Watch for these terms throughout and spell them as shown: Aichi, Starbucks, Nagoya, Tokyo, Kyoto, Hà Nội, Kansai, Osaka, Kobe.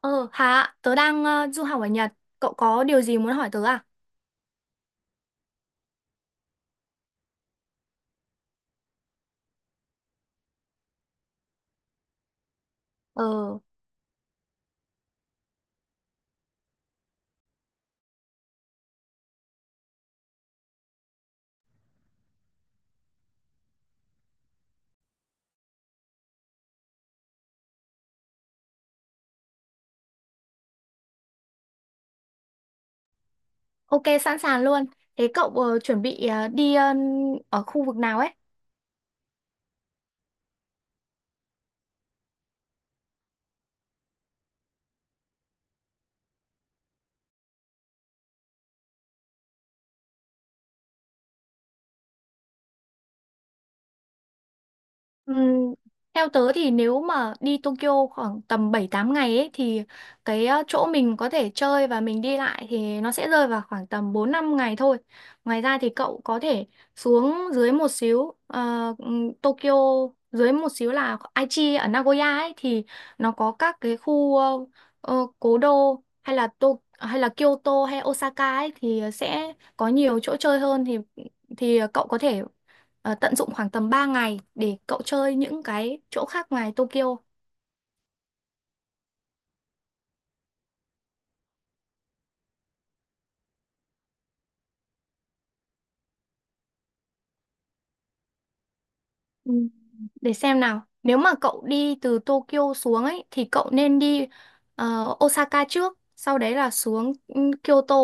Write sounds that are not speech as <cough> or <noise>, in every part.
Ờ, hả? Tớ đang du học ở Nhật. Cậu có điều gì muốn hỏi tớ à? Ờ, ok, sẵn sàng luôn. Thế cậu chuẩn bị đi ở khu vực nào ấy? Ừm, Theo tớ thì nếu mà đi Tokyo khoảng tầm bảy tám ngày ấy, thì cái chỗ mình có thể chơi và mình đi lại thì nó sẽ rơi vào khoảng tầm bốn năm ngày thôi. Ngoài ra thì cậu có thể xuống dưới một xíu Tokyo, dưới một xíu là Aichi ở Nagoya ấy thì nó có các cái khu cố đô hay là Kyoto hay Osaka ấy thì sẽ có nhiều chỗ chơi hơn thì cậu có thể tận dụng khoảng tầm 3 ngày để cậu chơi những cái chỗ khác ngoài Tokyo. Ừ, để xem nào. Nếu mà cậu đi từ Tokyo xuống ấy thì cậu nên đi Osaka trước, sau đấy là xuống Kyoto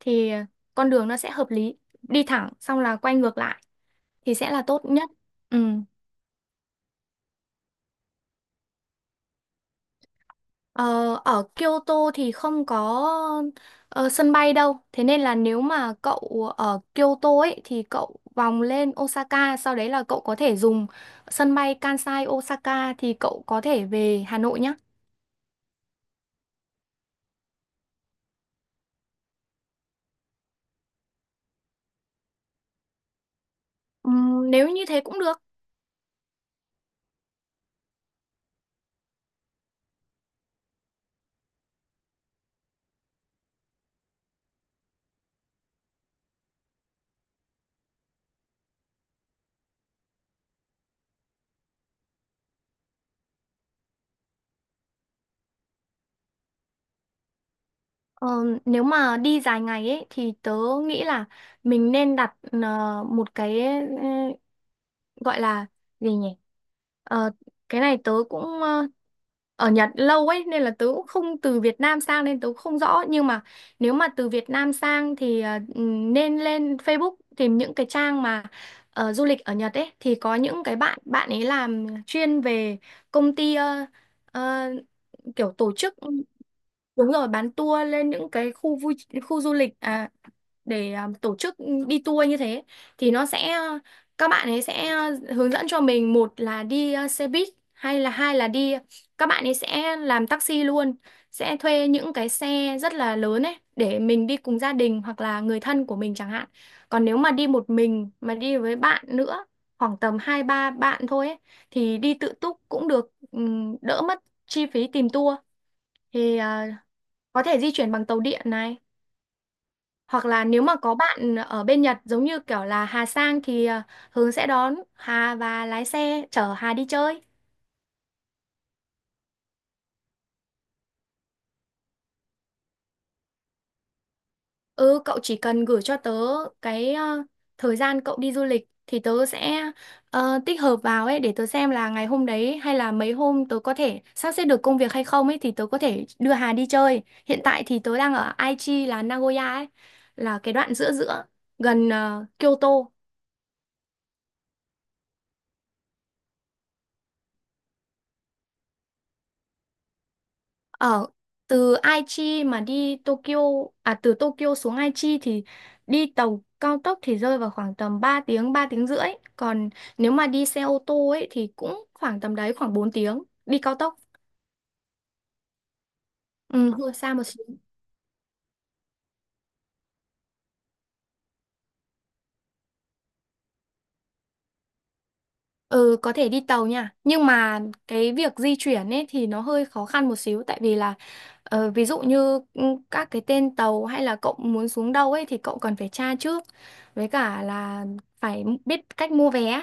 thì con đường nó sẽ hợp lý. Đi thẳng xong là quay ngược lại thì sẽ là tốt nhất. Ừ. Ờ, ở Kyoto thì không có sân bay đâu. Thế nên là nếu mà cậu ở Kyoto ấy thì cậu vòng lên Osaka, sau đấy là cậu có thể dùng sân bay Kansai Osaka thì cậu có thể về Hà Nội nhá. Nếu như thế cũng được. Ờ, nếu mà đi dài ngày ấy thì tớ nghĩ là mình nên đặt một cái gọi là gì nhỉ. Ờ, cái này tớ cũng ở Nhật lâu ấy nên là tớ cũng không từ Việt Nam sang nên tớ cũng không rõ, nhưng mà nếu mà từ Việt Nam sang thì nên lên Facebook tìm những cái trang mà du lịch ở Nhật ấy thì có những cái bạn bạn ấy làm chuyên về công ty ờ, kiểu tổ chức. Đúng rồi, bán tour lên những cái khu vui, khu du lịch, để tổ chức đi tour như thế thì nó sẽ các bạn ấy sẽ hướng dẫn cho mình, một là đi xe buýt hay là hai là đi các bạn ấy sẽ làm taxi luôn, sẽ thuê những cái xe rất là lớn ấy để mình đi cùng gia đình hoặc là người thân của mình chẳng hạn. Còn nếu mà đi một mình mà đi với bạn nữa, khoảng tầm hai ba bạn thôi ấy, thì đi tự túc cũng được, đỡ mất chi phí tìm tour thì có thể di chuyển bằng tàu điện này, hoặc là nếu mà có bạn ở bên Nhật giống như kiểu là Hà sang thì Hướng sẽ đón Hà và lái xe chở Hà đi chơi. Ừ, cậu chỉ cần gửi cho tớ cái thời gian cậu đi du lịch thì tớ sẽ tích hợp vào ấy để tớ xem là ngày hôm đấy hay là mấy hôm tớ có thể sắp xếp được công việc hay không ấy, thì tớ có thể đưa Hà đi chơi. Hiện tại thì tớ đang ở Aichi là Nagoya ấy, là cái đoạn giữa giữa gần Kyoto. Ở từ Aichi mà đi Tokyo, à từ Tokyo xuống Aichi thì đi tàu cao tốc thì rơi vào khoảng tầm 3 tiếng, 3 tiếng rưỡi, còn nếu mà đi xe ô tô ấy thì cũng khoảng tầm đấy, khoảng 4 tiếng đi cao tốc. Ừ, hơi xa một xíu. Ừ, có thể đi tàu nha, nhưng mà cái việc di chuyển ấy thì nó hơi khó khăn một xíu tại vì là ví dụ như các cái tên tàu hay là cậu muốn xuống đâu ấy thì cậu cần phải tra trước, với cả là phải biết cách mua vé.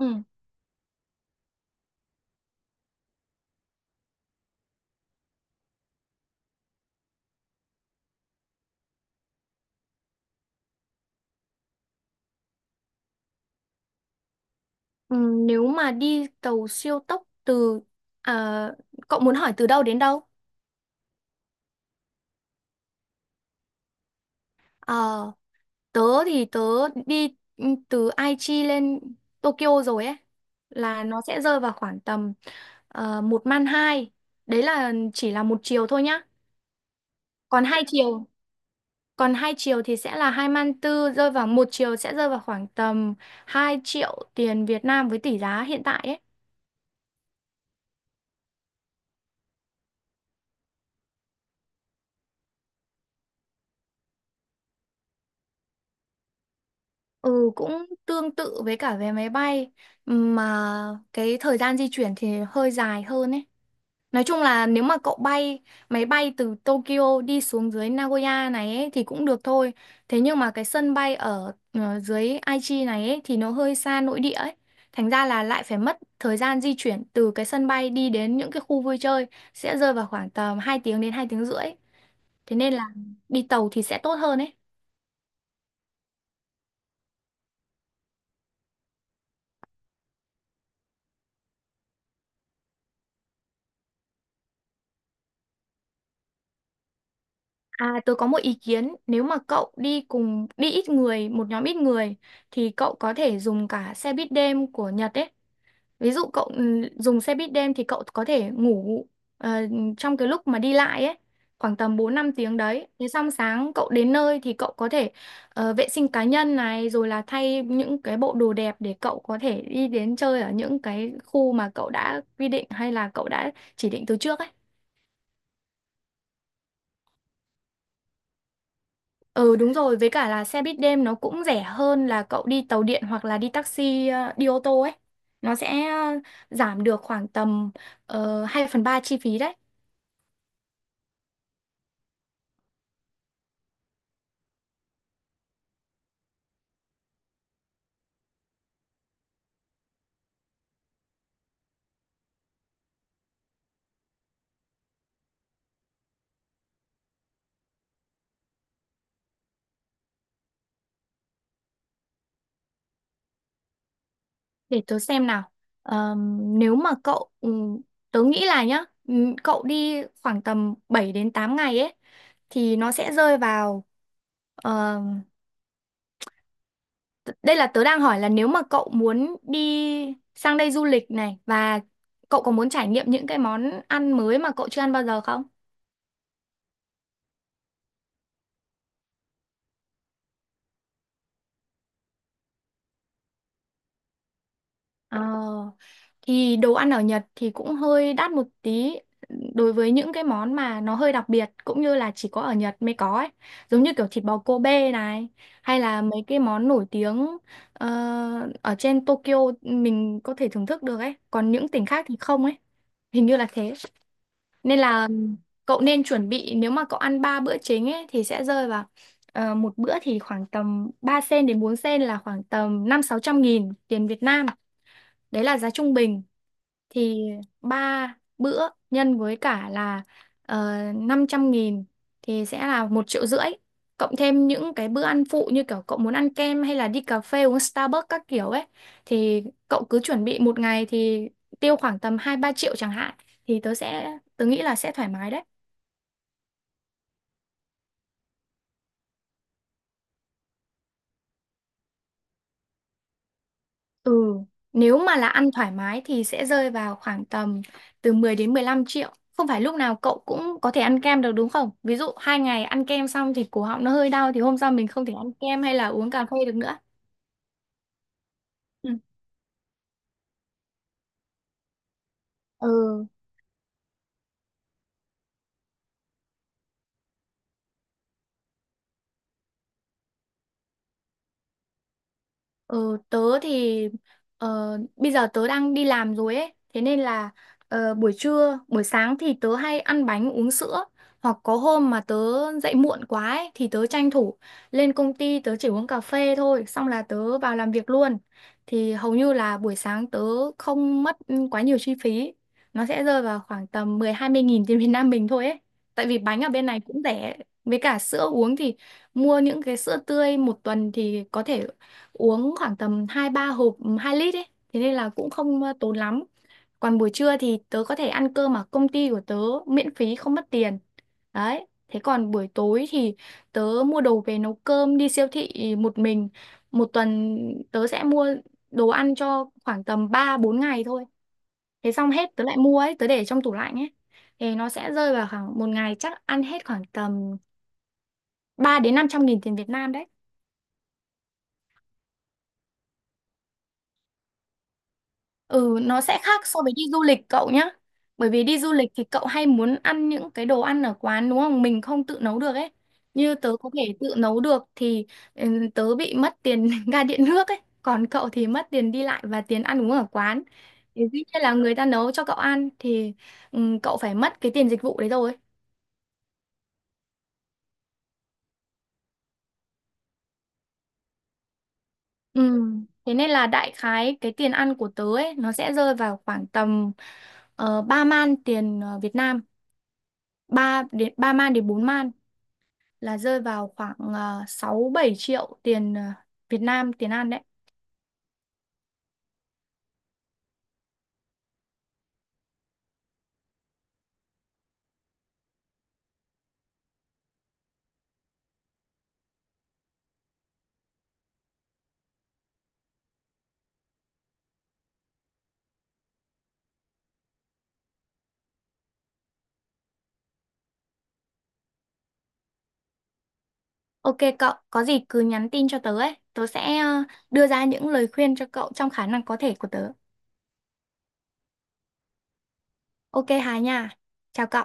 Ừ. Ừ, nếu mà đi tàu siêu tốc từ à, cậu muốn hỏi từ đâu đến đâu? Ờ, tớ tớ đi từ Aichi lên Tokyo rồi ấy, là nó sẽ rơi vào khoảng tầm một man hai, đấy là chỉ là một chiều thôi nhá. còn hai chiều Còn hai chiều thì sẽ là hai man tư, rơi vào một chiều sẽ rơi vào khoảng tầm 2 triệu tiền Việt Nam với tỷ giá hiện tại ấy. Ừ, cũng tương tự với cả vé máy bay, mà cái thời gian di chuyển thì hơi dài hơn ấy. Nói chung là nếu mà cậu bay máy bay từ Tokyo đi xuống dưới Nagoya này ấy, thì cũng được thôi. Thế nhưng mà cái sân bay ở dưới Aichi này ấy, thì nó hơi xa nội địa ấy. Thành ra là lại phải mất thời gian di chuyển từ cái sân bay đi đến những cái khu vui chơi, sẽ rơi vào khoảng tầm 2 tiếng đến 2 tiếng rưỡi. Thế nên là đi tàu thì sẽ tốt hơn ấy. À, tôi có một ý kiến, nếu mà cậu đi cùng, đi ít người, một nhóm ít người thì cậu có thể dùng cả xe buýt đêm của Nhật ấy. Ví dụ cậu dùng xe buýt đêm thì cậu có thể ngủ ờ, trong cái lúc mà đi lại ấy, khoảng tầm 4 năm tiếng đấy. Thế xong sáng cậu đến nơi thì cậu có thể vệ sinh cá nhân này rồi là thay những cái bộ đồ đẹp để cậu có thể đi đến chơi ở những cái khu mà cậu đã quy định hay là cậu đã chỉ định từ trước ấy. Ừ, đúng rồi, với cả là xe buýt đêm nó cũng rẻ hơn là cậu đi tàu điện hoặc là đi taxi, đi ô tô ấy. Nó sẽ giảm được khoảng tầm uh, 2 phần ba chi phí đấy. Để tớ xem nào. Nếu mà cậu, tớ nghĩ là nhá, cậu đi khoảng tầm 7 đến 8 ngày ấy, thì nó sẽ rơi vào. Đây là tớ đang hỏi là nếu mà cậu muốn đi sang đây du lịch này và cậu có muốn trải nghiệm những cái món ăn mới mà cậu chưa ăn bao giờ không? Ờ, thì đồ ăn ở Nhật thì cũng hơi đắt một tí đối với những cái món mà nó hơi đặc biệt cũng như là chỉ có ở Nhật mới có ấy. Giống như kiểu thịt bò Kobe này, hay là mấy cái món nổi tiếng ờ, ở trên Tokyo mình có thể thưởng thức được ấy. Còn những tỉnh khác thì không ấy. Hình như là thế. Nên là cậu nên chuẩn bị, nếu mà cậu ăn 3 bữa chính ấy thì sẽ rơi vào một bữa thì khoảng tầm 3 sen đến 4 sen, là khoảng tầm năm sáu trăm nghìn tiền Việt Nam. Đấy là giá trung bình thì 3 bữa nhân với cả là 500 nghìn thì sẽ là một triệu rưỡi. Cộng thêm những cái bữa ăn phụ như kiểu cậu muốn ăn kem hay là đi cà phê uống Starbucks các kiểu ấy, thì cậu cứ chuẩn bị một ngày thì tiêu khoảng tầm 2 3 triệu chẳng hạn, thì tớ nghĩ là sẽ thoải mái đấy. Ừ, nếu mà là ăn thoải mái thì sẽ rơi vào khoảng tầm từ 10 đến 15 triệu. Không phải lúc nào cậu cũng có thể ăn kem được đúng không? Ví dụ hai ngày ăn kem xong thì cổ họng nó hơi đau thì hôm sau mình không thể ăn kem hay là uống cà phê được nữa. Ừ. Ừ. Ờ, tớ thì bây giờ tớ đang đi làm rồi ấy, thế nên là buổi trưa, buổi sáng thì tớ hay ăn bánh uống sữa, hoặc có hôm mà tớ dậy muộn quá ấy, thì tớ tranh thủ lên công ty tớ chỉ uống cà phê thôi, xong là tớ vào làm việc luôn. Thì hầu như là buổi sáng tớ không mất quá nhiều chi phí, nó sẽ rơi vào khoảng tầm mười hai mươi nghìn tiền Việt Nam mình thôi ấy. Tại vì bánh ở bên này cũng rẻ, với cả sữa uống thì mua những cái sữa tươi một tuần thì có thể uống khoảng tầm hai ba hộp hai lít ấy. Thế nên là cũng không tốn lắm. Còn buổi trưa thì tớ có thể ăn cơm ở công ty của tớ, miễn phí không mất tiền. Đấy. Thế còn buổi tối thì tớ mua đồ về nấu cơm, đi siêu thị một mình. Một tuần tớ sẽ mua đồ ăn cho khoảng tầm ba bốn ngày thôi. Thế xong hết tớ lại mua ấy, tớ để trong tủ lạnh ấy. Thì nó sẽ rơi vào khoảng một ngày chắc ăn hết khoảng tầm 3 đến 500 nghìn tiền Việt Nam đấy. Ừ, nó sẽ khác so với đi du lịch cậu nhá. Bởi vì đi du lịch thì cậu hay muốn ăn những cái đồ ăn ở quán đúng không? Mình không tự nấu được ấy. Như tớ có thể tự nấu được thì tớ bị mất tiền <laughs> ga điện nước ấy. Còn cậu thì mất tiền đi lại và tiền ăn uống ở quán. Thì dĩ nhiên là người ta nấu cho cậu ăn thì cậu phải mất cái tiền dịch vụ đấy rồi. Ừ. Thế nên là đại khái cái tiền ăn của tớ ấy nó sẽ rơi vào khoảng tầm 3 man tiền Việt Nam, 3 đến 3 man đến 4 man, là rơi vào khoảng 6-7 triệu tiền Việt Nam, tiền ăn đấy. Ok cậu, có gì cứ nhắn tin cho tớ ấy. Tớ sẽ đưa ra những lời khuyên cho cậu trong khả năng có thể của tớ. Ok Hà nha. Chào cậu.